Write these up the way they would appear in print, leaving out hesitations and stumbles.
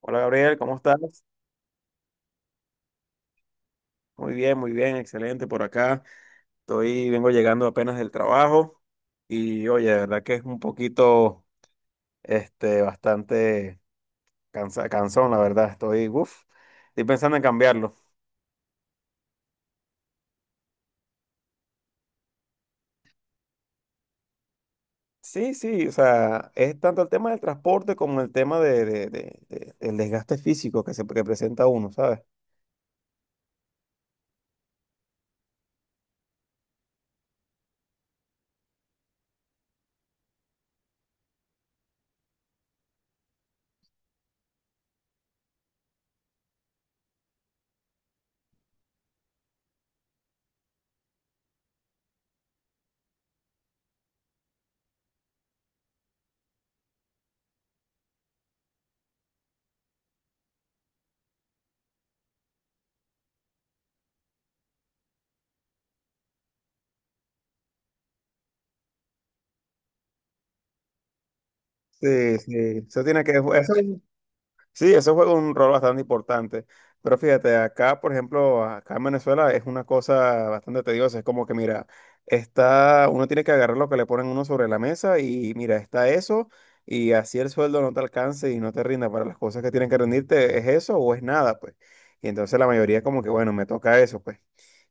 Hola Gabriel, ¿cómo estás? Muy bien, excelente por acá. Vengo llegando apenas del trabajo. Y oye, de verdad que es un poquito, bastante cansón, la verdad. Uff, estoy pensando en cambiarlo. Sí, sí, o sea, es tanto el tema del transporte como el tema del desgaste físico que presenta uno, ¿sabes? Sí, sí, eso tiene que, eso. Sí, eso juega un rol bastante importante. Pero fíjate, acá, por ejemplo, acá en Venezuela es una cosa bastante tediosa. Es como que, mira, está, uno tiene que agarrar lo que le ponen uno sobre la mesa. Y mira, está eso, y así el sueldo no te alcance y no te rinda para las cosas que tienen que rendirte, es eso o es nada, pues. Y entonces la mayoría como que, bueno, me toca eso, pues.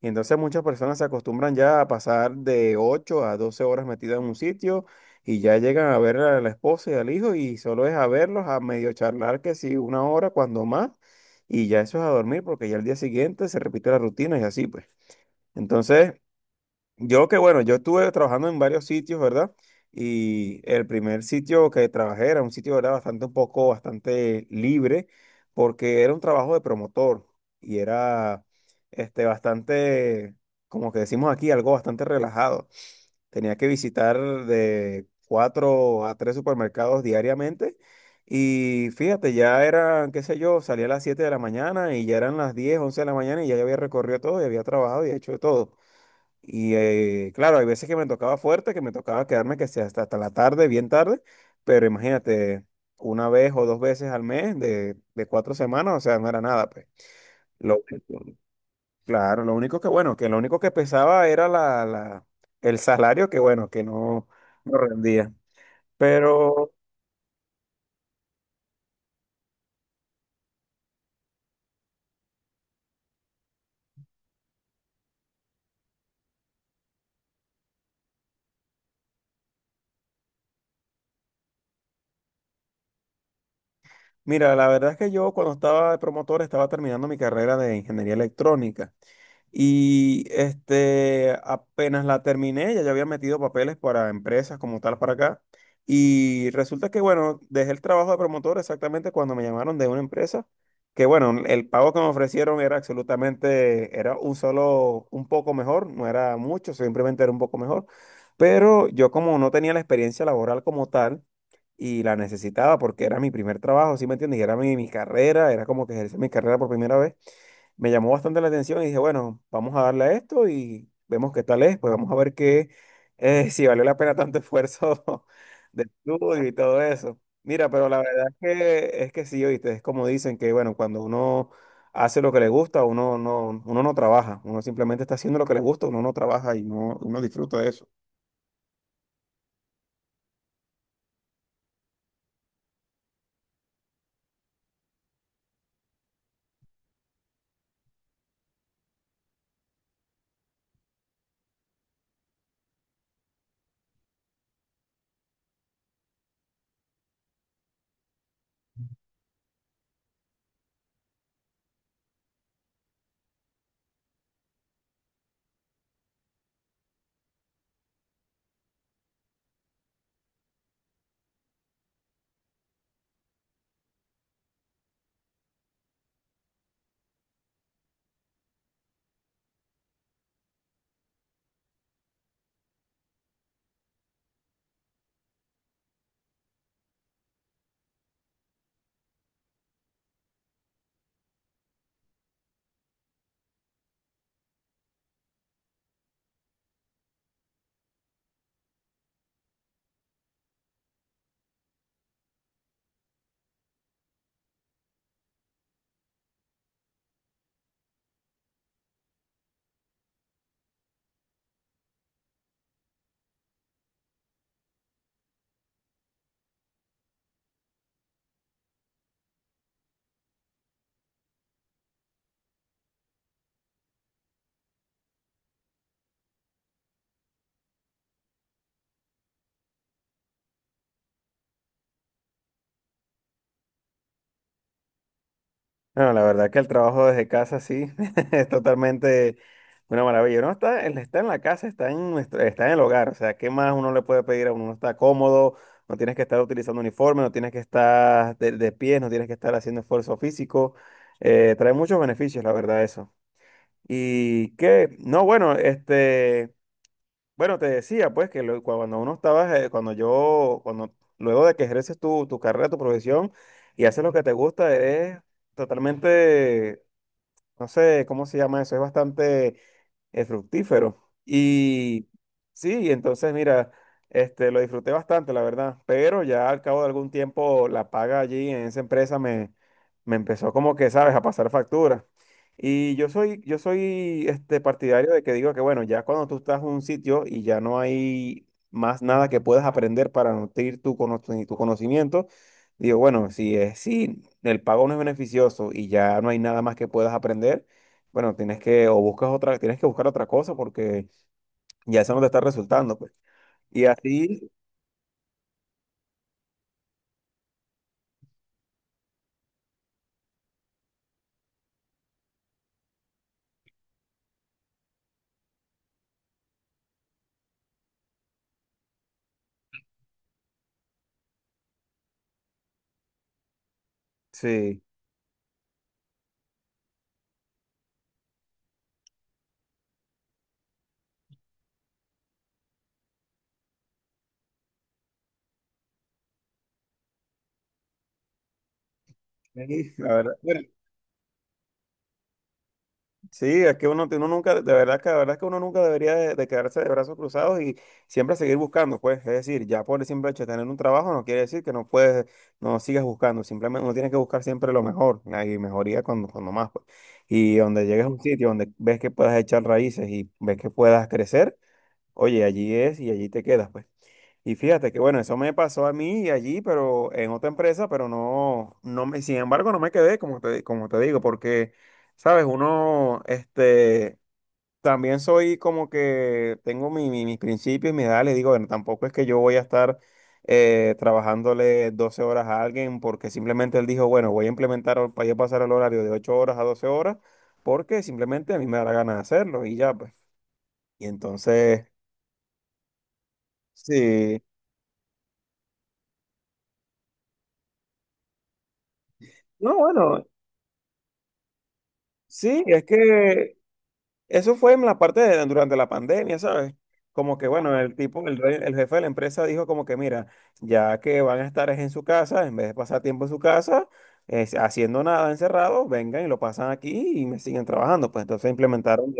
Y entonces muchas personas se acostumbran ya a pasar de 8 a 12 horas metidas en un sitio, y ya llegan a ver a la esposa y al hijo, y solo es a verlos, a medio charlar que sí, una hora cuando más, y ya eso es a dormir, porque ya el día siguiente se repite la rutina, y así pues. Entonces, yo estuve trabajando en varios sitios, ¿verdad? Y el primer sitio que trabajé era un sitio, ¿verdad? Bastante libre, porque era un trabajo de promotor. Y era, bastante, como que decimos aquí, algo bastante relajado. Tenía que visitar de cuatro a tres supermercados diariamente. Y fíjate, ya eran, qué sé yo, salía a las 7 de la mañana y ya eran las 10 11 de la mañana, y ya yo había recorrido todo y había trabajado y hecho de todo. Y claro, hay veces que me tocaba fuerte, que me tocaba quedarme que sea hasta, la tarde, bien tarde, pero imagínate, una vez o dos veces al mes de 4 semanas, o sea, no era nada, pues. Lo, Claro, lo único que, bueno, que lo único que pesaba era el salario, que bueno, que no rendía. Pero. Mira, la verdad es que yo cuando estaba de promotor estaba terminando mi carrera de ingeniería electrónica, y apenas la terminé, ya yo había metido papeles para empresas como tal para acá. Y resulta que bueno, dejé el trabajo de promotor exactamente cuando me llamaron de una empresa que bueno, el pago que me ofrecieron era absolutamente, era un solo, un poco mejor, no era mucho, simplemente era un poco mejor. Pero yo como no tenía la experiencia laboral como tal, y la necesitaba porque era mi primer trabajo, ¿sí me entiendes? Y era mi carrera, era como que ejercer mi carrera por primera vez. Me llamó bastante la atención y dije, bueno, vamos a darle a esto y vemos qué tal es, pues vamos a ver qué, si valió la pena tanto esfuerzo de estudio y todo eso. Mira, pero la verdad es que sí, oíste, es como dicen que, bueno, cuando uno hace lo que le gusta, uno no trabaja, uno simplemente está haciendo lo que le gusta, uno no trabaja y no, uno disfruta de eso. Bueno, la verdad que el trabajo desde casa sí es totalmente una maravilla. El está en la casa, está en el hogar. O sea, ¿qué más uno le puede pedir a uno? Uno está cómodo, no tienes que estar utilizando uniforme, no tienes que estar de pies, no tienes que estar haciendo esfuerzo físico. Trae muchos beneficios, la verdad, eso. Y que, no, bueno, bueno, te decía pues cuando uno estaba, cuando yo, cuando, luego de que ejerces tu carrera, tu profesión, y haces lo que te gusta, es totalmente, no sé cómo se llama eso, es bastante fructífero. Y sí, entonces mira, lo disfruté bastante, la verdad, pero ya al cabo de algún tiempo la paga allí en esa empresa me empezó como que, sabes, a pasar factura. Y yo soy partidario de que digo que, bueno, ya cuando tú estás en un sitio y ya no hay más nada que puedas aprender para nutrir tu conocimiento, digo, bueno, si el pago no es beneficioso y ya no hay nada más que puedas aprender, bueno, tienes que buscar otra cosa porque ya eso no te está resultando, pues. Y así, sí, sí, la verdad, bueno, sí, es que uno nunca, la verdad que uno nunca debería de quedarse de brazos cruzados, y siempre seguir buscando, pues. Es decir, ya por el simple hecho de tener un trabajo no quiere decir que no puedes, no sigas buscando, simplemente uno tiene que buscar siempre lo mejor, hay mejoría cuando más, pues. Y donde llegues a un sitio donde ves que puedas echar raíces y ves que puedas crecer, oye, allí es y allí te quedas, pues. Y fíjate que bueno, eso me pasó a mí y allí, pero en otra empresa, pero no, no me, sin embargo, no me quedé, como te digo, porque, sabes, uno, también soy como que tengo mis principios, mis ideales, digo, bueno, tampoco es que yo voy a estar trabajándole 12 horas a alguien, porque simplemente él dijo, bueno, voy a pasar el horario de 8 horas a 12 horas, porque simplemente a mí me da la gana de hacerlo y ya, pues. Y entonces, sí. No, bueno, sí, es que eso fue en la parte de durante la pandemia, ¿sabes? Como que, bueno, el tipo, el, rey- el jefe de la empresa dijo como que, mira, ya que van a estar es en su casa, en vez de pasar tiempo en su casa, haciendo nada encerrado, vengan y lo pasan aquí y me siguen trabajando. Pues entonces implementaron.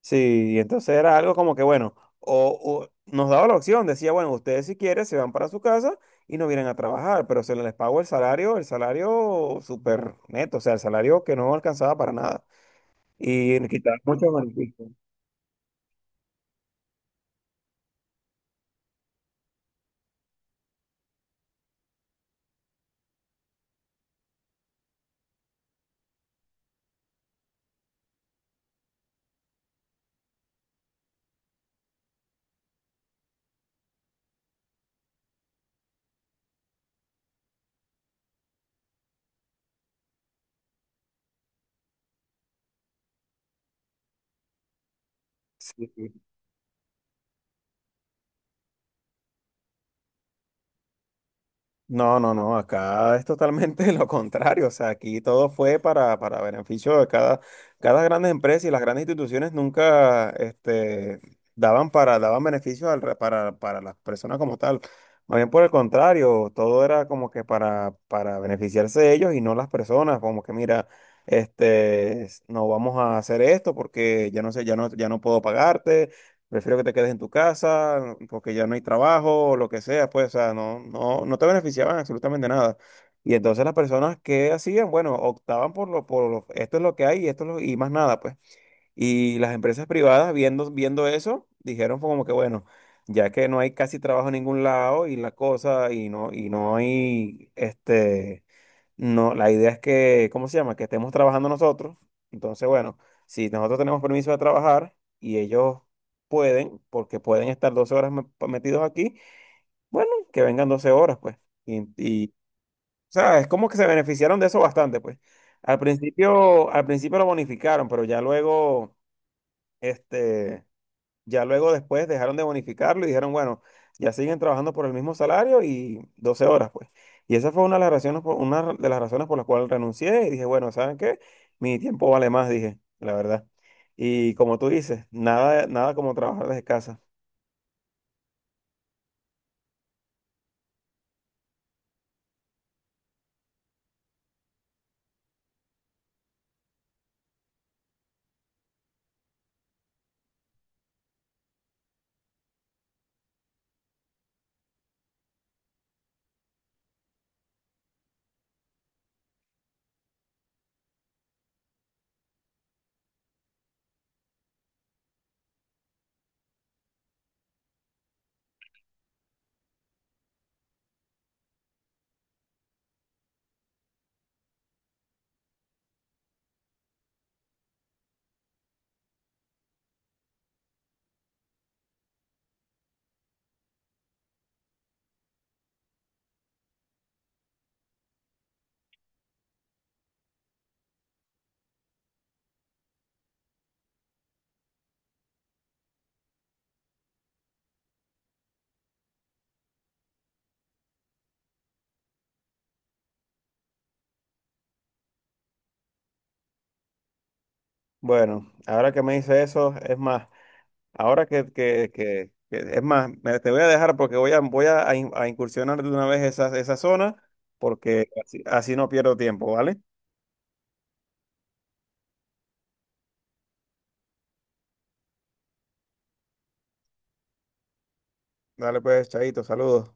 Sí, y entonces era algo como que, bueno, o nos daba la opción, decía, bueno, ustedes si quieren se van para su casa y no vienen a trabajar, pero se les pagó el salario súper neto, o sea, el salario que no alcanzaba para nada. Y quitaban muchos beneficios. Sí. No, no, no, acá es totalmente lo contrario, o sea, aquí todo fue para beneficio de cada grandes empresa, y las grandes instituciones nunca daban daban beneficios para las personas como tal. Más bien por el contrario, todo era como que para beneficiarse de ellos y no las personas, como que mira, no vamos a hacer esto porque ya no sé, ya no puedo pagarte. Prefiero que te quedes en tu casa porque ya no hay trabajo o lo que sea, pues, o sea, no te beneficiaban absolutamente nada. Y entonces las personas que hacían, bueno, optaban esto es lo que hay, y esto es lo, y más nada, pues. Y las empresas privadas viendo eso, dijeron como que, bueno, ya que no hay casi trabajo en ningún lado y la cosa, y no hay, no, la idea es que, ¿cómo se llama? Que estemos trabajando nosotros. Entonces, bueno, si nosotros tenemos permiso de trabajar y ellos pueden, porque pueden estar 12 horas metidos aquí, bueno, que vengan 12 horas, pues. O sea, es como que se beneficiaron de eso bastante, pues. Al principio lo bonificaron, pero este, ya luego después dejaron de bonificarlo, y dijeron, bueno, ya siguen trabajando por el mismo salario y 12 horas, pues. Y esa fue una de las razones por las cuales renuncié, y dije, bueno, ¿saben qué? Mi tiempo vale más, dije, la verdad. Y como tú dices, nada, nada como trabajar desde casa. Bueno, ahora que me dice eso, es más, ahora es más, te voy a dejar porque voy a, voy a in- a incursionar de una vez esa zona, porque así no pierdo tiempo, ¿vale? Dale pues, chaito, saludos.